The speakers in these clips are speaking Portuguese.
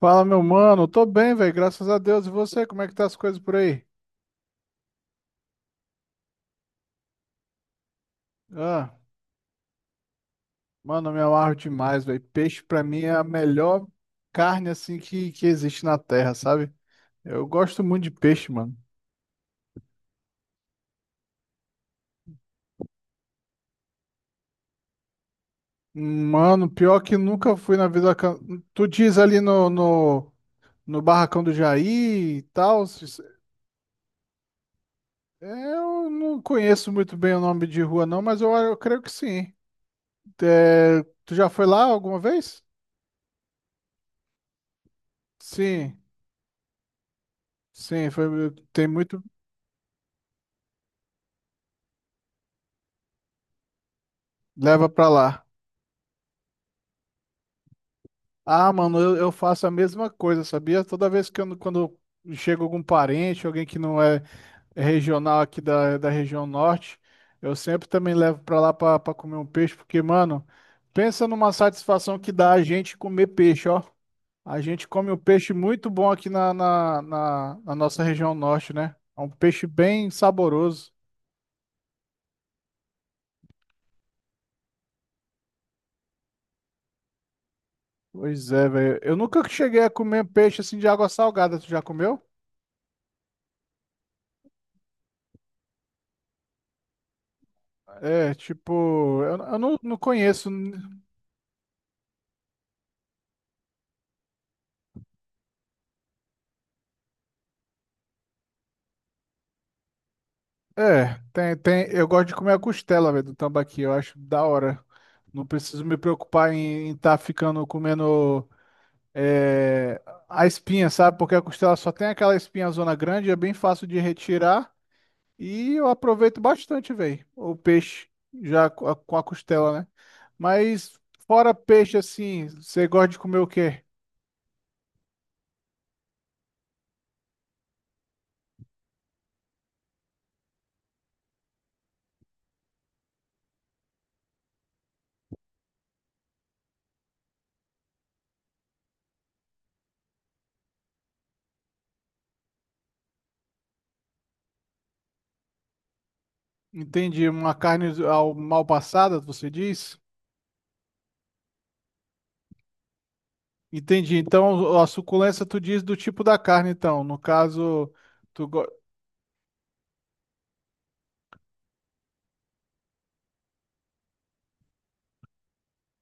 Fala, meu mano. Tô bem, velho. Graças a Deus. E você, como é que tá as coisas por aí? Ah, mano, eu me amarro demais, velho. Peixe pra mim é a melhor carne assim que existe na terra, sabe? Eu gosto muito de peixe, mano. Mano, pior que nunca fui na vida. Tu diz ali no Barracão do Jair e tal. Eu não conheço muito bem o nome de rua, não, mas eu creio que sim. É, tu já foi lá alguma vez? Sim, sim. Foi, tem muito. Leva pra lá. Ah, mano, eu faço a mesma coisa, sabia? Toda vez que eu, quando chega algum parente, alguém que não é regional aqui da região norte, eu sempre também levo pra lá pra comer um peixe, porque, mano, pensa numa satisfação que dá a gente comer peixe, ó. A gente come um peixe muito bom aqui na nossa região norte, né? É um peixe bem saboroso. Pois é, velho. Eu nunca cheguei a comer peixe assim de água salgada. Tu já comeu? É, tipo, eu não, não conheço. É, tem, tem, eu gosto de comer a costela, velho, do tambaqui, eu acho da hora. Não preciso me preocupar em estar ficando comendo é, a espinha, sabe? Porque a costela só tem aquela espinha zona grande, é bem fácil de retirar e eu aproveito bastante, velho, o peixe já com a costela, né? Mas fora peixe, assim, você gosta de comer o quê? Entende uma mal passada, você diz? Entendi. Então, a suculência tu diz do tipo da carne, então. No caso, tu go-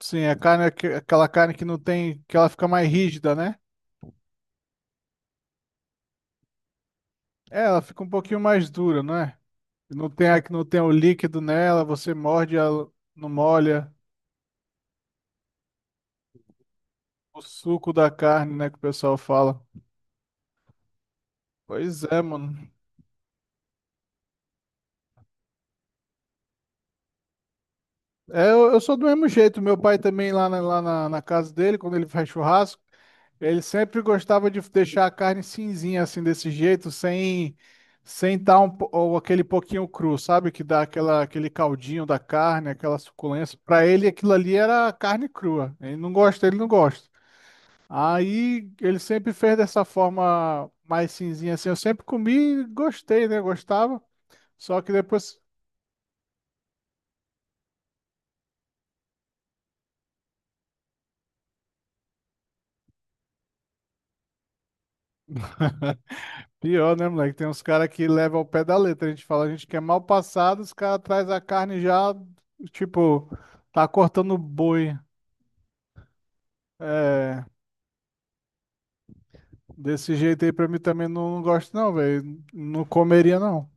sim, a carne é aquela carne que não tem, que ela fica mais rígida, né? É, ela fica um pouquinho mais dura, não é? Não tem, não tem o líquido nela, você morde, ela não molha o suco da carne, né, que o pessoal fala. Pois é, mano. É, eu sou do mesmo jeito. Meu pai também, lá na casa dele, quando ele faz churrasco, ele sempre gostava de deixar a carne cinzinha, assim, desse jeito, sem estar um, ou aquele pouquinho cru, sabe? Que dá aquela, aquele caldinho da carne, aquela suculência. Para ele, aquilo ali era carne crua. Ele não gosta, ele não gosta. Aí ele sempre fez dessa forma mais cinzinha, assim. Eu sempre comi e gostei, né? Gostava. Só que depois. Pior, né, moleque? Tem uns caras que levam ao pé da letra. A gente fala, a gente quer mal passado, os caras traz a carne já, tipo, tá cortando o boi. É, desse jeito aí pra mim também não, não gosto não, velho. Não comeria não.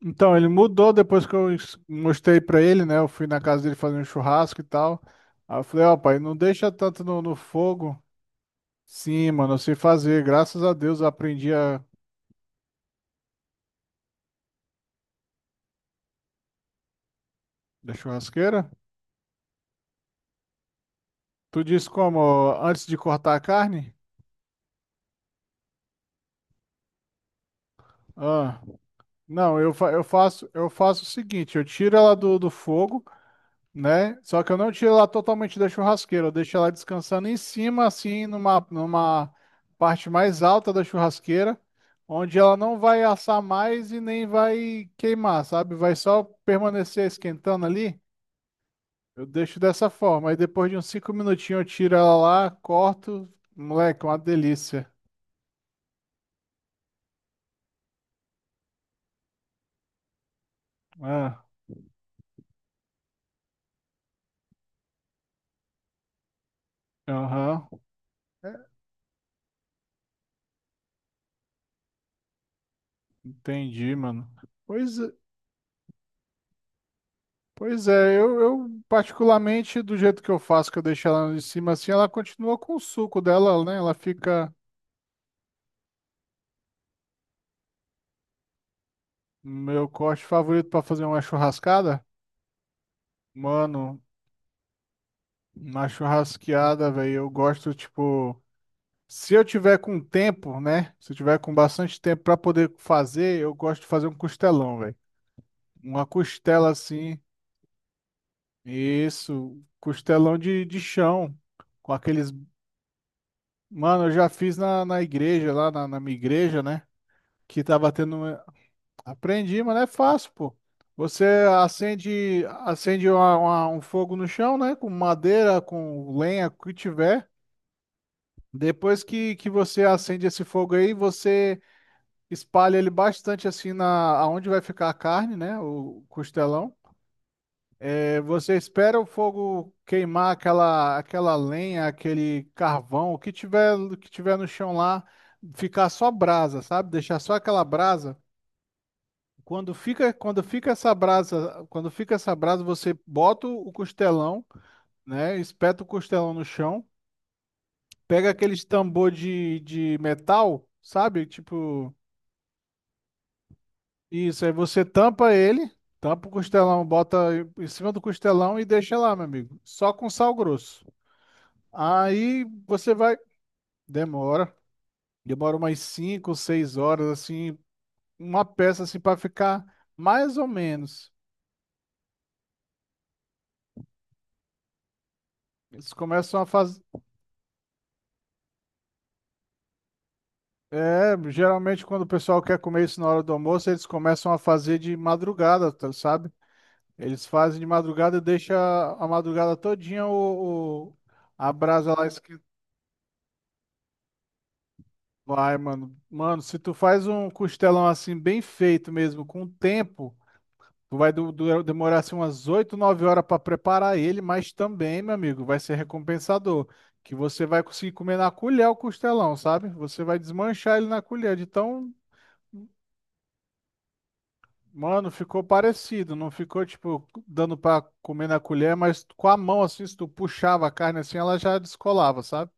Então, ele mudou depois que mostrei pra ele, né? Eu fui na casa dele fazer um churrasco e tal. Aí eu falei, ó, pai, não deixa tanto no fogo. Sim, mano, eu sei fazer. Graças a Deus eu aprendi a da churrasqueira. Tu disse como? Antes de cortar a carne? Ah. Não, eu, eu faço o seguinte, eu tiro ela do fogo, né? Só que eu não tiro ela totalmente da churrasqueira, eu deixo ela descansando em cima, assim, numa parte mais alta da churrasqueira, onde ela não vai assar mais e nem vai queimar, sabe? Vai só permanecer esquentando ali. Eu deixo dessa forma. Aí depois de uns cinco minutinhos eu tiro ela lá, corto. Moleque, uma delícia. Ah, aham. Entendi, mano. Pois é. Pois é, eu particularmente, do jeito que eu faço, que eu deixo ela de cima assim, ela continua com o suco dela, né? Ela fica meu corte favorito pra fazer uma churrascada. Mano, uma churrasqueada, velho, eu gosto, tipo, se eu tiver com tempo, né? Se eu tiver com bastante tempo pra poder fazer, eu gosto de fazer um costelão, velho. Uma costela assim, isso, costelão de chão, com aqueles. Mano, eu já fiz na igreja, lá na minha igreja, né? que tava tendo. Aprendi, mas não é fácil, pô. Você um fogo no chão, né? Com madeira, com lenha, com o que tiver. Depois que você acende esse fogo aí, você espalha ele bastante assim na aonde vai ficar a carne, né? O costelão. É, você espera o fogo queimar aquela lenha, aquele carvão, o que tiver no chão lá, ficar só brasa, sabe? Deixar só aquela brasa. Quando fica essa brasa, você bota o costelão, né? Espeta o costelão no chão, pega aqueles tambor de metal, sabe? Tipo, isso, aí você tampa ele, tampa o costelão, bota em cima do costelão e deixa lá, meu amigo. Só com sal grosso. Aí você vai, demora, demora umas 5 6 horas assim, uma peça assim para ficar mais ou menos. Eles começam a fazer é, geralmente quando o pessoal quer comer isso na hora do almoço, eles começam a fazer de madrugada, sabe? Eles fazem de madrugada e deixa a madrugada todinha a brasa lá esquentar. Vai, mano. Mano, se tu faz um costelão assim bem feito mesmo, com tempo, tu vai demorar assim umas 8, 9 horas pra preparar ele, mas também, meu amigo, vai ser recompensador, que você vai conseguir comer na colher o costelão, sabe? Você vai desmanchar ele na colher de tão Mano, ficou parecido, não ficou tipo dando pra comer na colher, mas com a mão assim, se tu puxava a carne assim, ela já descolava, sabe?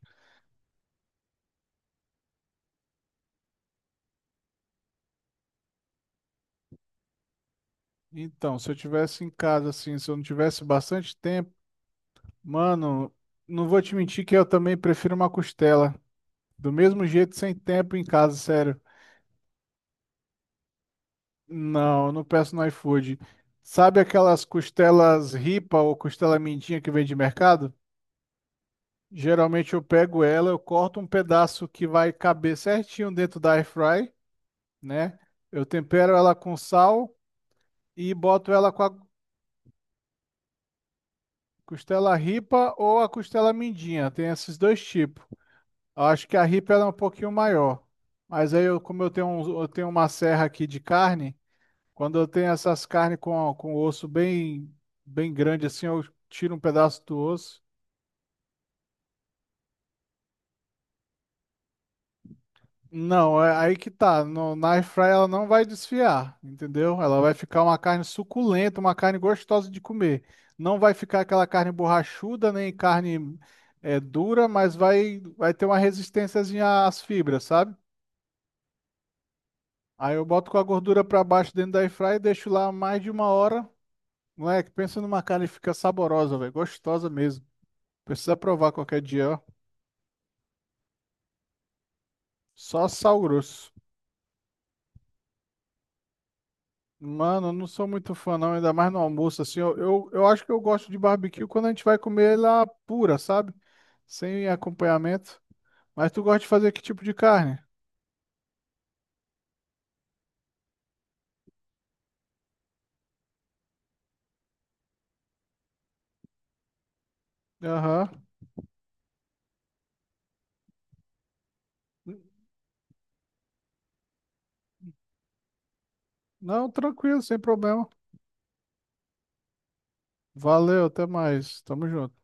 Então, se eu tivesse em casa assim, se eu não tivesse bastante tempo, mano, não vou te mentir que eu também prefiro uma costela. Do mesmo jeito, sem tempo em casa, sério. Não, eu não peço no iFood. Sabe aquelas costelas ripa ou costela mindinha que vem de mercado? Geralmente eu pego ela, eu corto um pedaço que vai caber certinho dentro da airfry, né? Eu tempero ela com sal e boto ela com a costela ripa ou a costela mindinha. Tem esses dois tipos. Eu acho que a ripa ela é um pouquinho maior. Mas aí, eu, como eu tenho, eu tenho uma serra aqui de carne, quando eu tenho essas carnes com osso bem grande assim, eu tiro um pedaço do osso. Não, é aí que tá. No, Na air fry ela não vai desfiar, entendeu? Ela vai ficar uma carne suculenta, uma carne gostosa de comer. Não vai ficar aquela carne borrachuda, nem carne é, dura, mas vai ter uma resistênciazinha às fibras, sabe? Aí eu boto com a gordura pra baixo dentro da air fry e deixo lá mais de uma hora. Moleque, pensa numa carne que fica saborosa, velho, gostosa mesmo. Precisa provar qualquer dia, ó. Só sal grosso. Mano, eu não sou muito fã, não, ainda mais no almoço, assim. Eu acho que eu gosto de barbecue quando a gente vai comer ela pura, sabe? Sem acompanhamento. Mas tu gosta de fazer que tipo de carne? Aham. Não, tranquilo, sem problema. Valeu, até mais. Tamo junto.